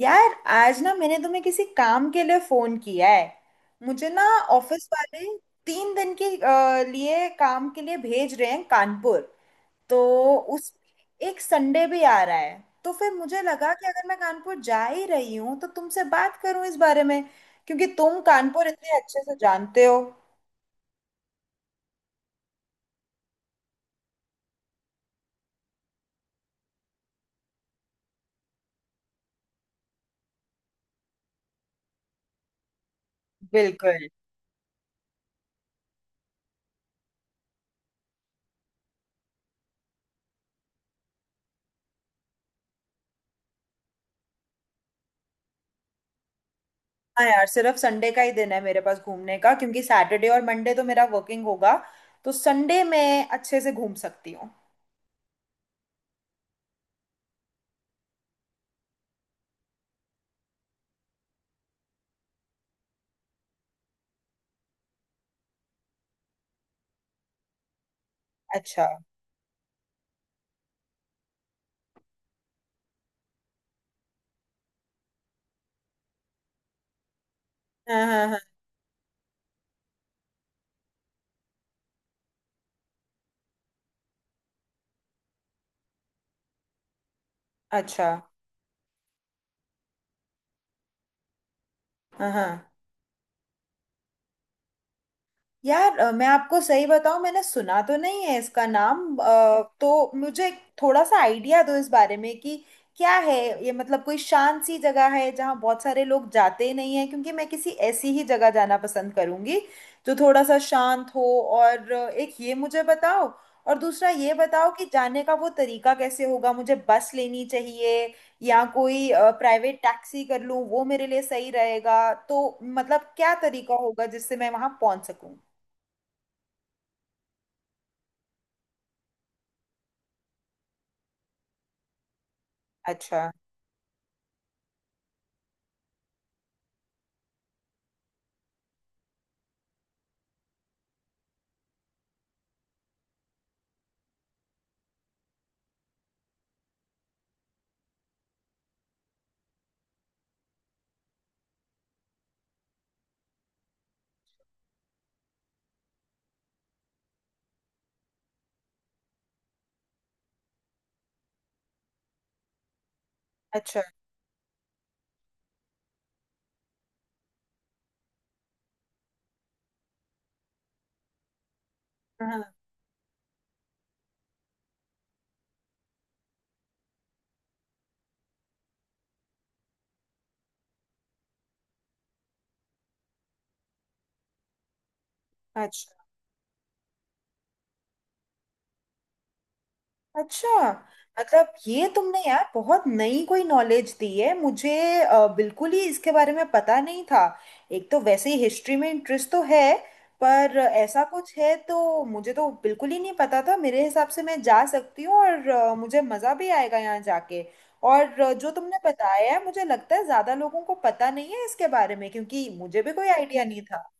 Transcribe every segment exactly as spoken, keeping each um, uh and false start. यार, आज ना मैंने तुम्हें किसी काम के लिए फोन किया है। मुझे ना ऑफिस वाले तीन दिन के अ, लिए काम के लिए भेज रहे हैं कानपुर। तो उस एक संडे भी आ रहा है तो फिर मुझे लगा कि अगर मैं कानपुर जा ही रही हूँ तो तुमसे बात करूँ इस बारे में। क्योंकि तुम कानपुर इतने अच्छे से जानते हो। बिल्कुल। हाँ यार, सिर्फ संडे का ही दिन है मेरे पास घूमने का, क्योंकि सैटरडे और मंडे तो मेरा वर्किंग होगा। तो संडे मैं अच्छे से घूम सकती हूँ। अच्छा। हाँ हाँ। अच्छा। हाँ हाँ। यार, अ, मैं आपको सही बताऊं, मैंने सुना तो नहीं है इसका नाम। अ, तो मुझे एक थोड़ा सा आइडिया दो इस बारे में कि क्या है। ये मतलब कोई शांत सी जगह है जहाँ बहुत सारे लोग जाते ही नहीं हैं, क्योंकि मैं किसी ऐसी ही जगह जाना पसंद करूंगी जो थोड़ा सा शांत हो। और अ, एक ये मुझे बताओ, और दूसरा ये बताओ कि जाने का वो तरीका कैसे होगा। मुझे बस लेनी चाहिए, या कोई प्राइवेट टैक्सी कर लूं वो मेरे लिए सही रहेगा? तो मतलब क्या तरीका होगा जिससे मैं वहां पहुंच सकूं? अच्छा। अच्छा। हाँ। अच्छा। अच्छा, मतलब ये तुमने यार बहुत नई कोई नॉलेज दी है मुझे। अ, बिल्कुल ही इसके बारे में पता नहीं था। एक तो वैसे ही हिस्ट्री में इंटरेस्ट तो है, पर ऐसा कुछ है तो मुझे तो बिल्कुल ही नहीं पता था। मेरे हिसाब से मैं जा सकती हूँ और अ, मुझे मज़ा भी आएगा यहाँ जाके। और अ, जो तुमने बताया है, मुझे लगता है ज़्यादा लोगों को पता नहीं है इसके बारे में, क्योंकि मुझे भी कोई आइडिया नहीं था।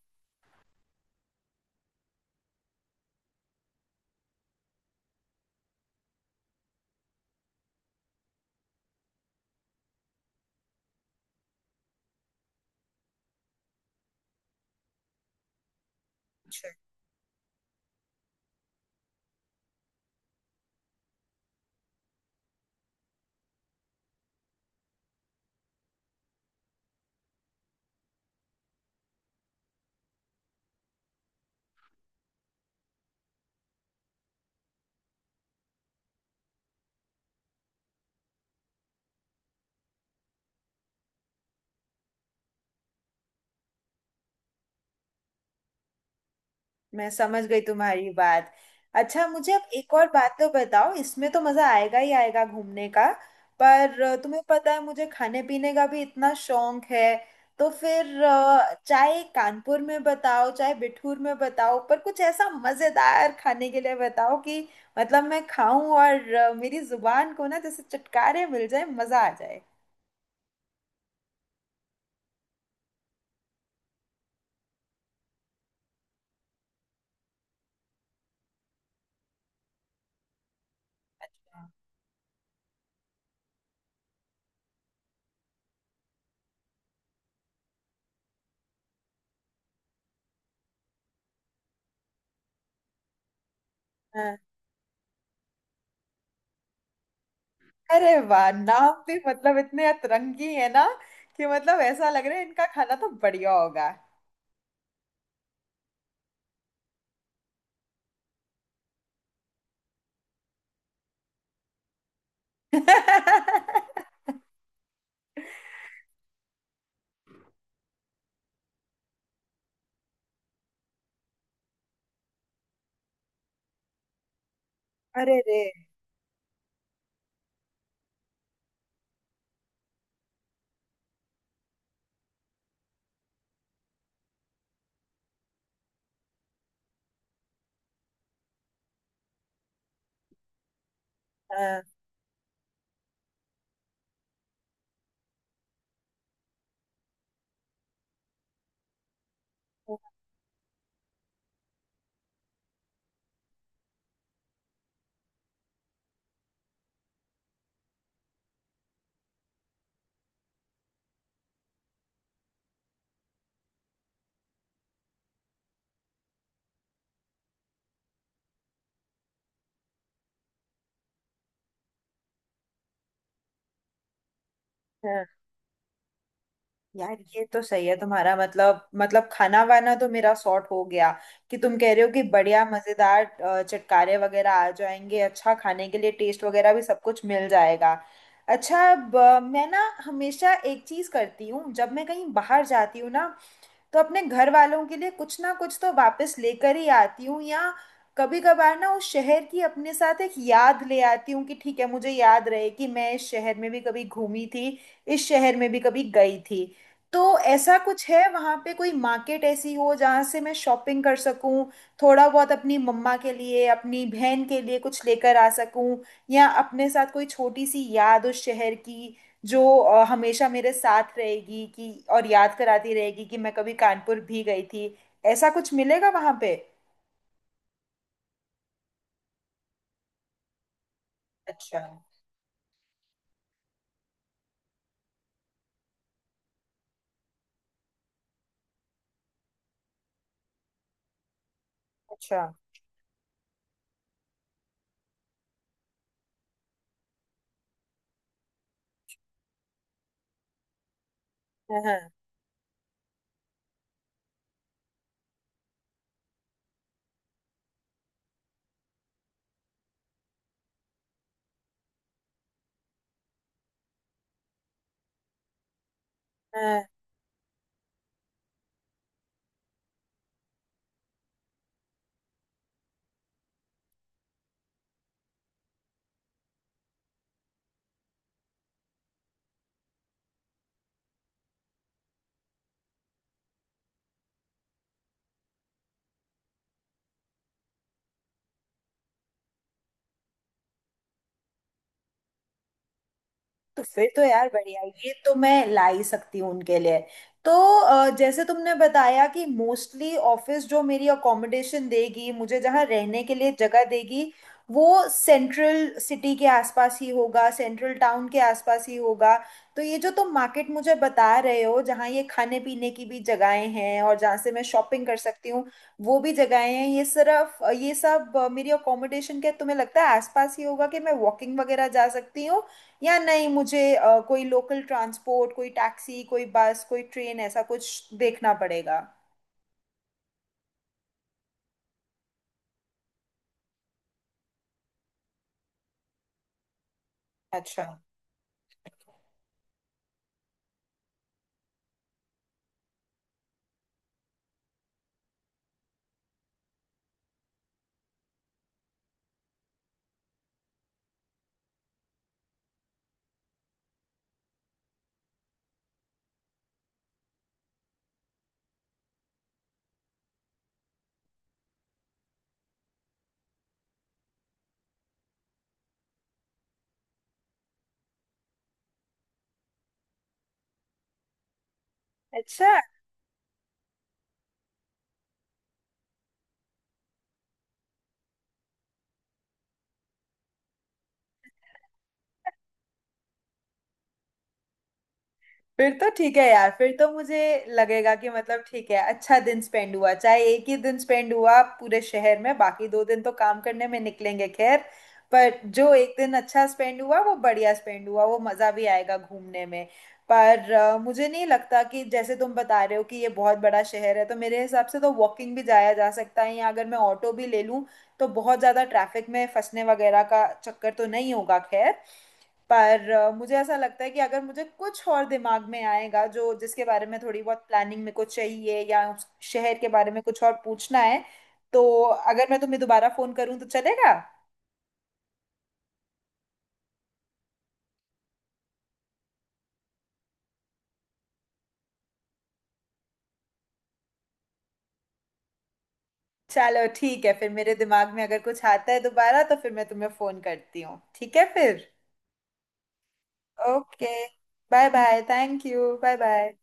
अच्छा। मैं समझ गई तुम्हारी बात। अच्छा, मुझे अब एक और बात तो बताओ। इसमें तो मज़ा आएगा ही आएगा घूमने का, पर अ, तुम्हें पता है मुझे खाने पीने का भी इतना शौक है। तो फिर अ, चाहे कानपुर में बताओ चाहे बिठूर में बताओ, पर कुछ ऐसा मज़ेदार खाने के लिए बताओ कि मतलब मैं खाऊं और अ, मेरी जुबान को ना जैसे चटकारे मिल जाए, मज़ा आ जाए। हाँ। अरे वाह, नाम भी मतलब इतने अतरंगी है ना कि मतलब ऐसा लग रहा है इनका खाना तो बढ़िया होगा। अरे रे। हाँ हाँ, यार ये तो सही है तुम्हारा। मतलब मतलब खाना वाना तो मेरा सॉर्ट हो गया कि तुम कह रहे हो कि बढ़िया मजेदार अ, चटकारे वगैरह आ जाएंगे। अच्छा खाने के लिए टेस्ट वगैरह भी सब कुछ मिल जाएगा। अच्छा, अब अ, मैं ना हमेशा एक चीज करती हूँ जब मैं कहीं बाहर जाती हूँ ना, तो अपने घर वालों के लिए कुछ ना कुछ तो वापस लेकर ही आती हूँ, या कभी कभार ना उस शहर की अपने साथ एक याद ले आती हूँ कि ठीक है, मुझे याद रहे कि मैं इस शहर में भी कभी घूमी थी, इस शहर में भी कभी गई थी। तो ऐसा कुछ है वहाँ पे कोई मार्केट ऐसी हो जहाँ से मैं शॉपिंग कर सकूँ, थोड़ा बहुत अपनी मम्मा के लिए अपनी बहन के लिए कुछ लेकर आ सकूँ, या अपने साथ कोई छोटी सी याद उस शहर की जो अ, हमेशा मेरे साथ रहेगी कि और याद कराती रहेगी कि मैं कभी कानपुर भी गई थी। ऐसा कुछ मिलेगा वहां पे? अच्छा। अच्छा। हाँ हाँ। तो फिर तो यार बढ़िया, ये तो मैं ला ही सकती हूँ उनके लिए। तो अ, जैसे तुमने बताया कि मोस्टली ऑफिस जो मेरी अकोमोडेशन देगी, मुझे जहाँ रहने के लिए जगह देगी वो सेंट्रल सिटी के आसपास ही होगा, सेंट्रल टाउन के आसपास ही होगा। तो ये जो तुम मार्केट मुझे बता रहे हो जहाँ ये खाने पीने की भी जगहें हैं और जहाँ से मैं शॉपिंग कर सकती हूँ वो भी जगहें हैं, ये सिर्फ ये सब अ, मेरी अकोमोडेशन के तुम्हें लगता है आसपास ही होगा कि मैं वॉकिंग वगैरह जा सकती हूँ, या नहीं मुझे अ, कोई लोकल ट्रांसपोर्ट, कोई टैक्सी, कोई बस, कोई ट्रेन ऐसा कुछ देखना पड़ेगा? अच्छा। अच्छा। फिर तो ठीक है यार, फिर तो मुझे लगेगा कि मतलब ठीक है अच्छा दिन स्पेंड हुआ, चाहे एक ही दिन स्पेंड हुआ पूरे शहर में, बाकी दो दिन तो काम करने में निकलेंगे। खैर, पर जो एक दिन अच्छा स्पेंड हुआ वो बढ़िया स्पेंड हुआ, वो मज़ा भी आएगा घूमने में। पर अ, मुझे नहीं लगता कि जैसे तुम बता रहे हो कि ये बहुत बड़ा शहर है, तो मेरे हिसाब से तो वॉकिंग भी जाया जा सकता है, या अगर मैं ऑटो भी ले लूँ तो बहुत ज़्यादा ट्रैफिक में फंसने वगैरह का चक्कर तो नहीं होगा। खैर, पर अ, मुझे ऐसा लगता है कि अगर मुझे कुछ और दिमाग में आएगा जो जिसके बारे में थोड़ी बहुत प्लानिंग मेरे को चाहिए, या उस शहर के बारे में कुछ और पूछना है, तो अगर मैं तुम्हें दोबारा फोन करूं तो चलेगा? चलो ठीक है, फिर मेरे दिमाग में अगर कुछ आता है दोबारा तो फिर मैं तुम्हें फोन करती हूँ। ठीक है फिर। Okay. Bye bye, thank you. Bye bye.